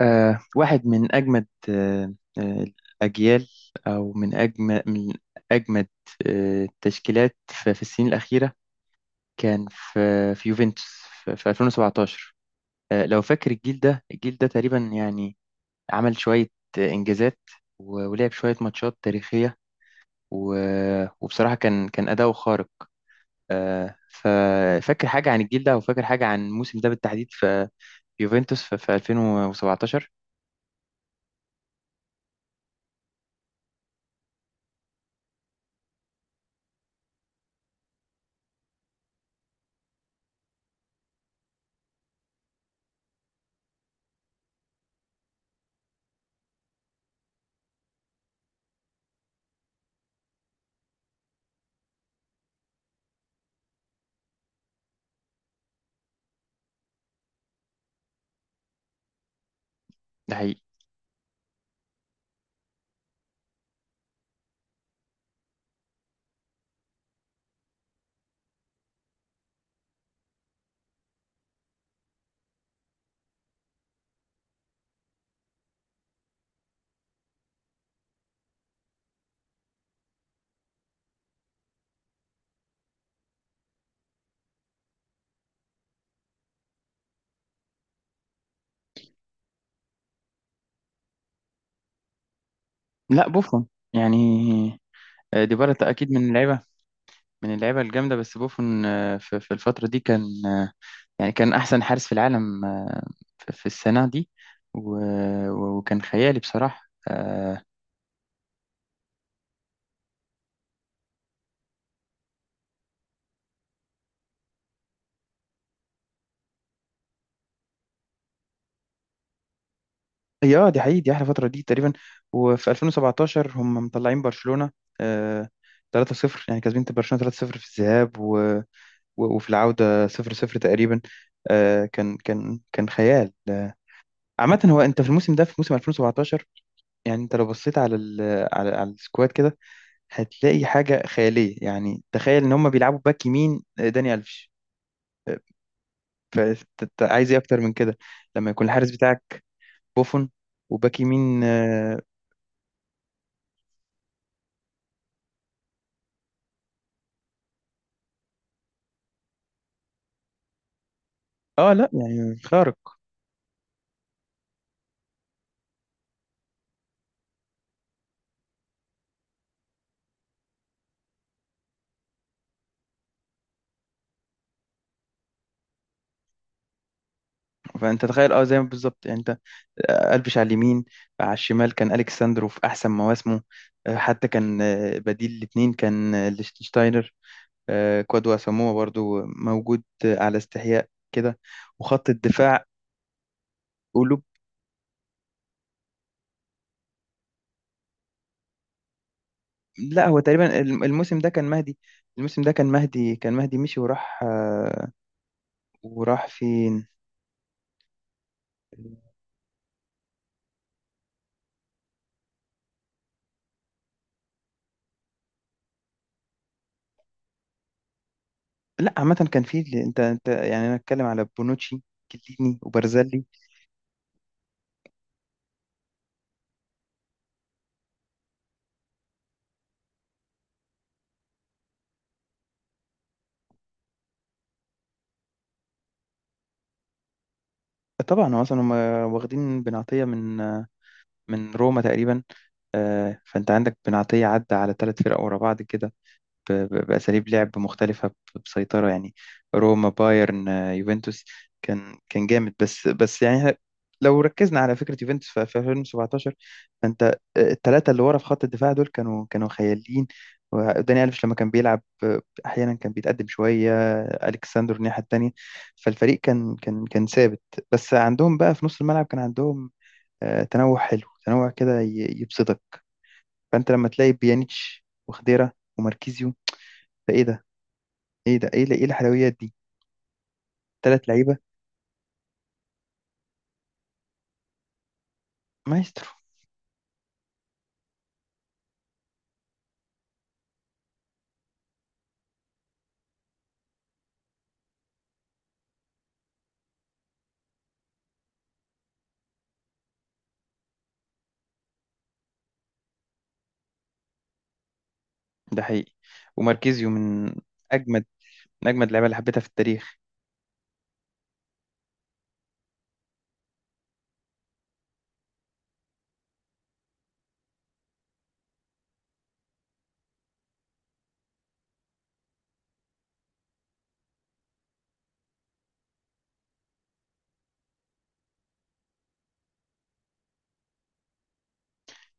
واحد من أجمد الأجيال، أو من أجمد أجمد التشكيلات في السنين الأخيرة. كان في يوفنتوس في 2017. لو فاكر الجيل ده الجيل ده تقريبا، يعني عمل شوية إنجازات، و- ولعب شوية ماتشات تاريخية، و- وبصراحة كان أداؤه خارق. ففاكر حاجة عن الجيل ده، أو فاكر حاجة عن الموسم ده بالتحديد، في يوفنتوس في 2017 ده؟ لا، بوفون. يعني، ديبالا اكيد من اللعيبه، الجامده. بس بوفون في الفتره دي كان، يعني كان احسن حارس في العالم في السنه دي. و- و- وكان خيالي بصراحه. هي دي حقيقي، دي احلى فتره دي تقريبا. وفي 2017 هم مطلعين برشلونه آه، 3-0، يعني كاسبين برشلونه 3-0 في الذهاب، و- و- وفي العوده 0-0 تقريبا. كان خيال. عامة، هو انت في الموسم ده، في موسم 2017، يعني انت لو بصيت على السكواد كده، هتلاقي حاجة خيالية. يعني تخيل ان هم بيلعبوا باك يمين داني الفيش، فانت عايز ايه اكتر من كده، لما يكون الحارس بتاعك بوفون وباك يمين. لا، يعني خارق. فانت تخيل زي ما بالظبط، يعني انت قلبش على اليمين، على الشمال كان الكساندرو في احسن مواسمه. حتى كان، بديل الاثنين كان، ليشتنشتاينر. كوادو اساموا برضو موجود، على استحياء كده. وخط الدفاع، لا، هو تقريبا الموسم ده كان مهدي. مشي وراح، وراح فين؟ لا عامة كان في انت، يعني انا اتكلم على بونوتشي، كيليني وبرزالي. طبعا هو اصلا هم واخدين بن عطية من روما تقريبا. فانت عندك بن عطية عدى على ثلاث فرق ورا بعض كده، ب- ب- بأساليب لعب مختلفة، ب- بسيطرة يعني. روما، بايرن، يوفنتوس. كان جامد، بس يعني. لو ركزنا على فكرة يوفنتوس في 2017، فأنت، الثلاثة اللي ورا في خط الدفاع دول كانوا خياليين. وداني ألفيش لما كان بيلعب، أحيانا كان بيتقدم شوية، ألكساندر الناحية التانية. فالفريق كان ثابت. بس عندهم بقى في نص الملعب كان عندهم، تنوع حلو، تنوع كده ي- يبسطك. فأنت لما تلاقي بيانيتش وخديرة وماركيزيو، فإيه ده، ايه ده، ايه الحلويات دي! ثلاث لعيبه. مايسترو. ده حقيقي. وماركيزيو من اجمد، اللعيبه اللي حبيتها في التاريخ.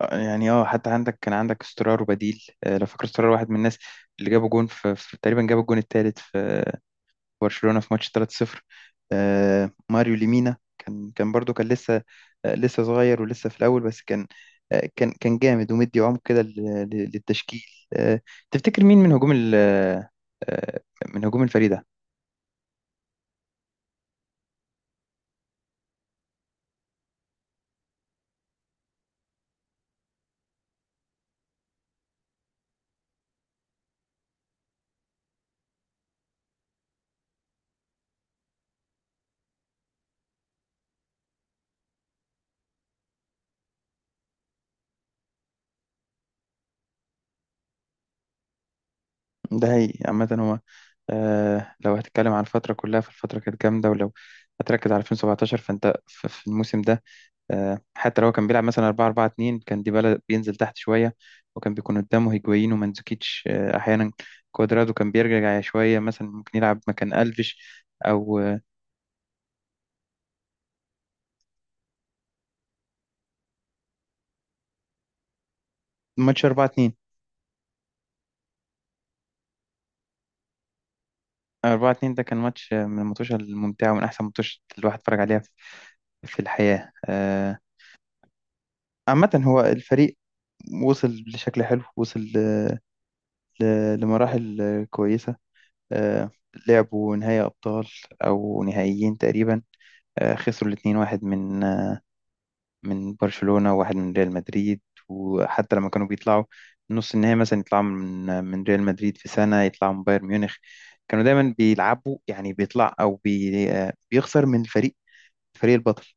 يعني حتى كان عندك استرار وبديل، لو فاكر استرار، واحد من الناس اللي جابوا جون في تقريبا جاب الجون الثالث في برشلونه في ماتش 3-0. ماريو ليمينا كان برضو كان لسه، لسه صغير ولسه في الاول، بس كان، كان جامد، ومدي عمق كده للتشكيل. آه، تفتكر مين من هجوم آه، من هجوم الفريق ده؟ ده، هي، عامة هو، لو هتتكلم عن الفترة كلها فالفترة كانت جامدة، ولو هتركز على 2017 فانت في الموسم ده، حتى لو هو كان بيلعب مثلا 4-4-2، كان ديبالا بينزل تحت شوية، وكان بيكون قدامه هيجوين ومانزوكيتش. أحيانا كوادرادو كان بيرجع شوية، مثلا ممكن يلعب مكان ألفيش. أو ماتش 4-2، 4-2 ده كان ماتش، من الماتشات الممتعة ومن أحسن ماتش الواحد اتفرج عليها في الحياة. عامة هو الفريق وصل لشكل حلو، وصل ل- لمراحل كويسة. آه، لعبوا نهائي أبطال أو نهائيين تقريبا. خسروا الاتنين، واحد من برشلونة وواحد من ريال مدريد. وحتى لما كانوا بيطلعوا نص النهائي مثلا، يطلعوا من ريال مدريد، في سنة يطلعوا من بايرن ميونخ. كانوا دايما بيلعبوا، يعني بيطلع، أو بي آه، بيخسر من الفريق البطل.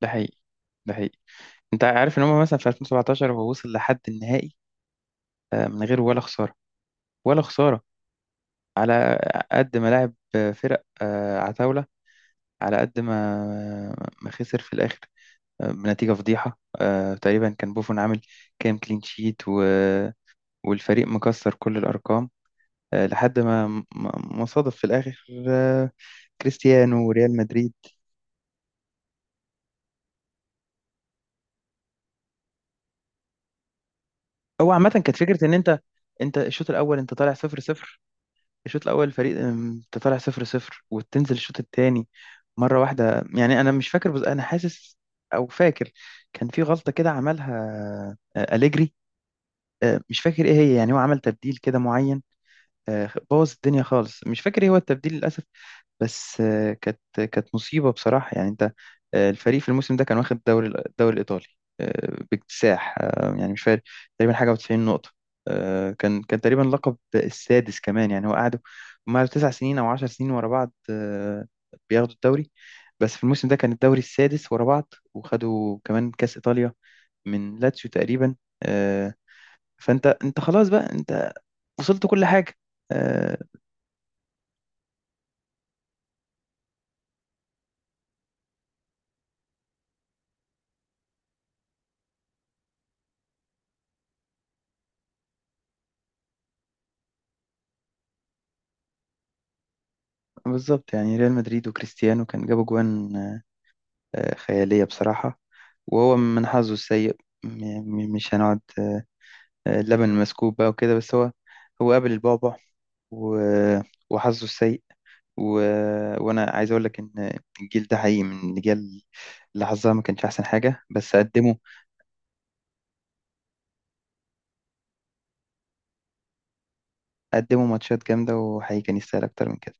ده حقيقي. ده حقيقي. أنت عارف إن هم مثلا في 2017 هو وصل لحد النهائي، من غير ولا خسارة، ولا خسارة، على قد ما لعب فرق عتاولة، على قد ما ما خسر في الآخر، بنتيجة فضيحة. تقريبا كان بوفون عامل كام كلين شيت، و... والفريق مكسر كل الأرقام. لحد ما مصادف في الآخر، كريستيانو وريال مدريد. هو عامة كانت فكرة إن، أنت الشوط الأول أنت طالع 0-0. الشوط الاول الفريق، انت طالع 0-0 وتنزل الشوط التاني مره واحده. يعني انا مش فاكر، بس انا حاسس، او فاكر، كان في غلطه كده عملها، أليجري. مش فاكر ايه هي، يعني هو عمل تبديل كده معين، بوظ الدنيا خالص. مش فاكر ايه هو التبديل للأسف. بس، كانت مصيبة بصراحة. يعني انت، الفريق في الموسم ده كان واخد الدوري، الإيطالي، باكتساح. يعني مش فارق تقريبا حاجة و90 نقطة. كان تقريبا لقب السادس كمان. يعني هو قعدوا هم قعدوا 9 سنين أو 10 سنين ورا بعض، بياخدوا الدوري. بس في الموسم ده كان الدوري السادس ورا بعض، وخدوا كمان كأس إيطاليا من لاتسيو تقريبا. آه، فانت انت خلاص بقى، انت وصلت كل حاجة. آه، بالظبط يعني، ريال مدريد وكريستيانو كان جابوا جوان خيالية بصراحة. وهو من حظه السيء، م- مش هنقعد. اللبن مسكوب بقى وكده. بس هو قابل البعبع، و- وحظه السيء، و... وأنا عايز أقول لك إن الجيل ده حقيقي من الأجيال اللي حظها ما كانش أحسن حاجة. بس قدموا ماتشات جامدة، وحقيقي كان يستاهل أكتر من كده.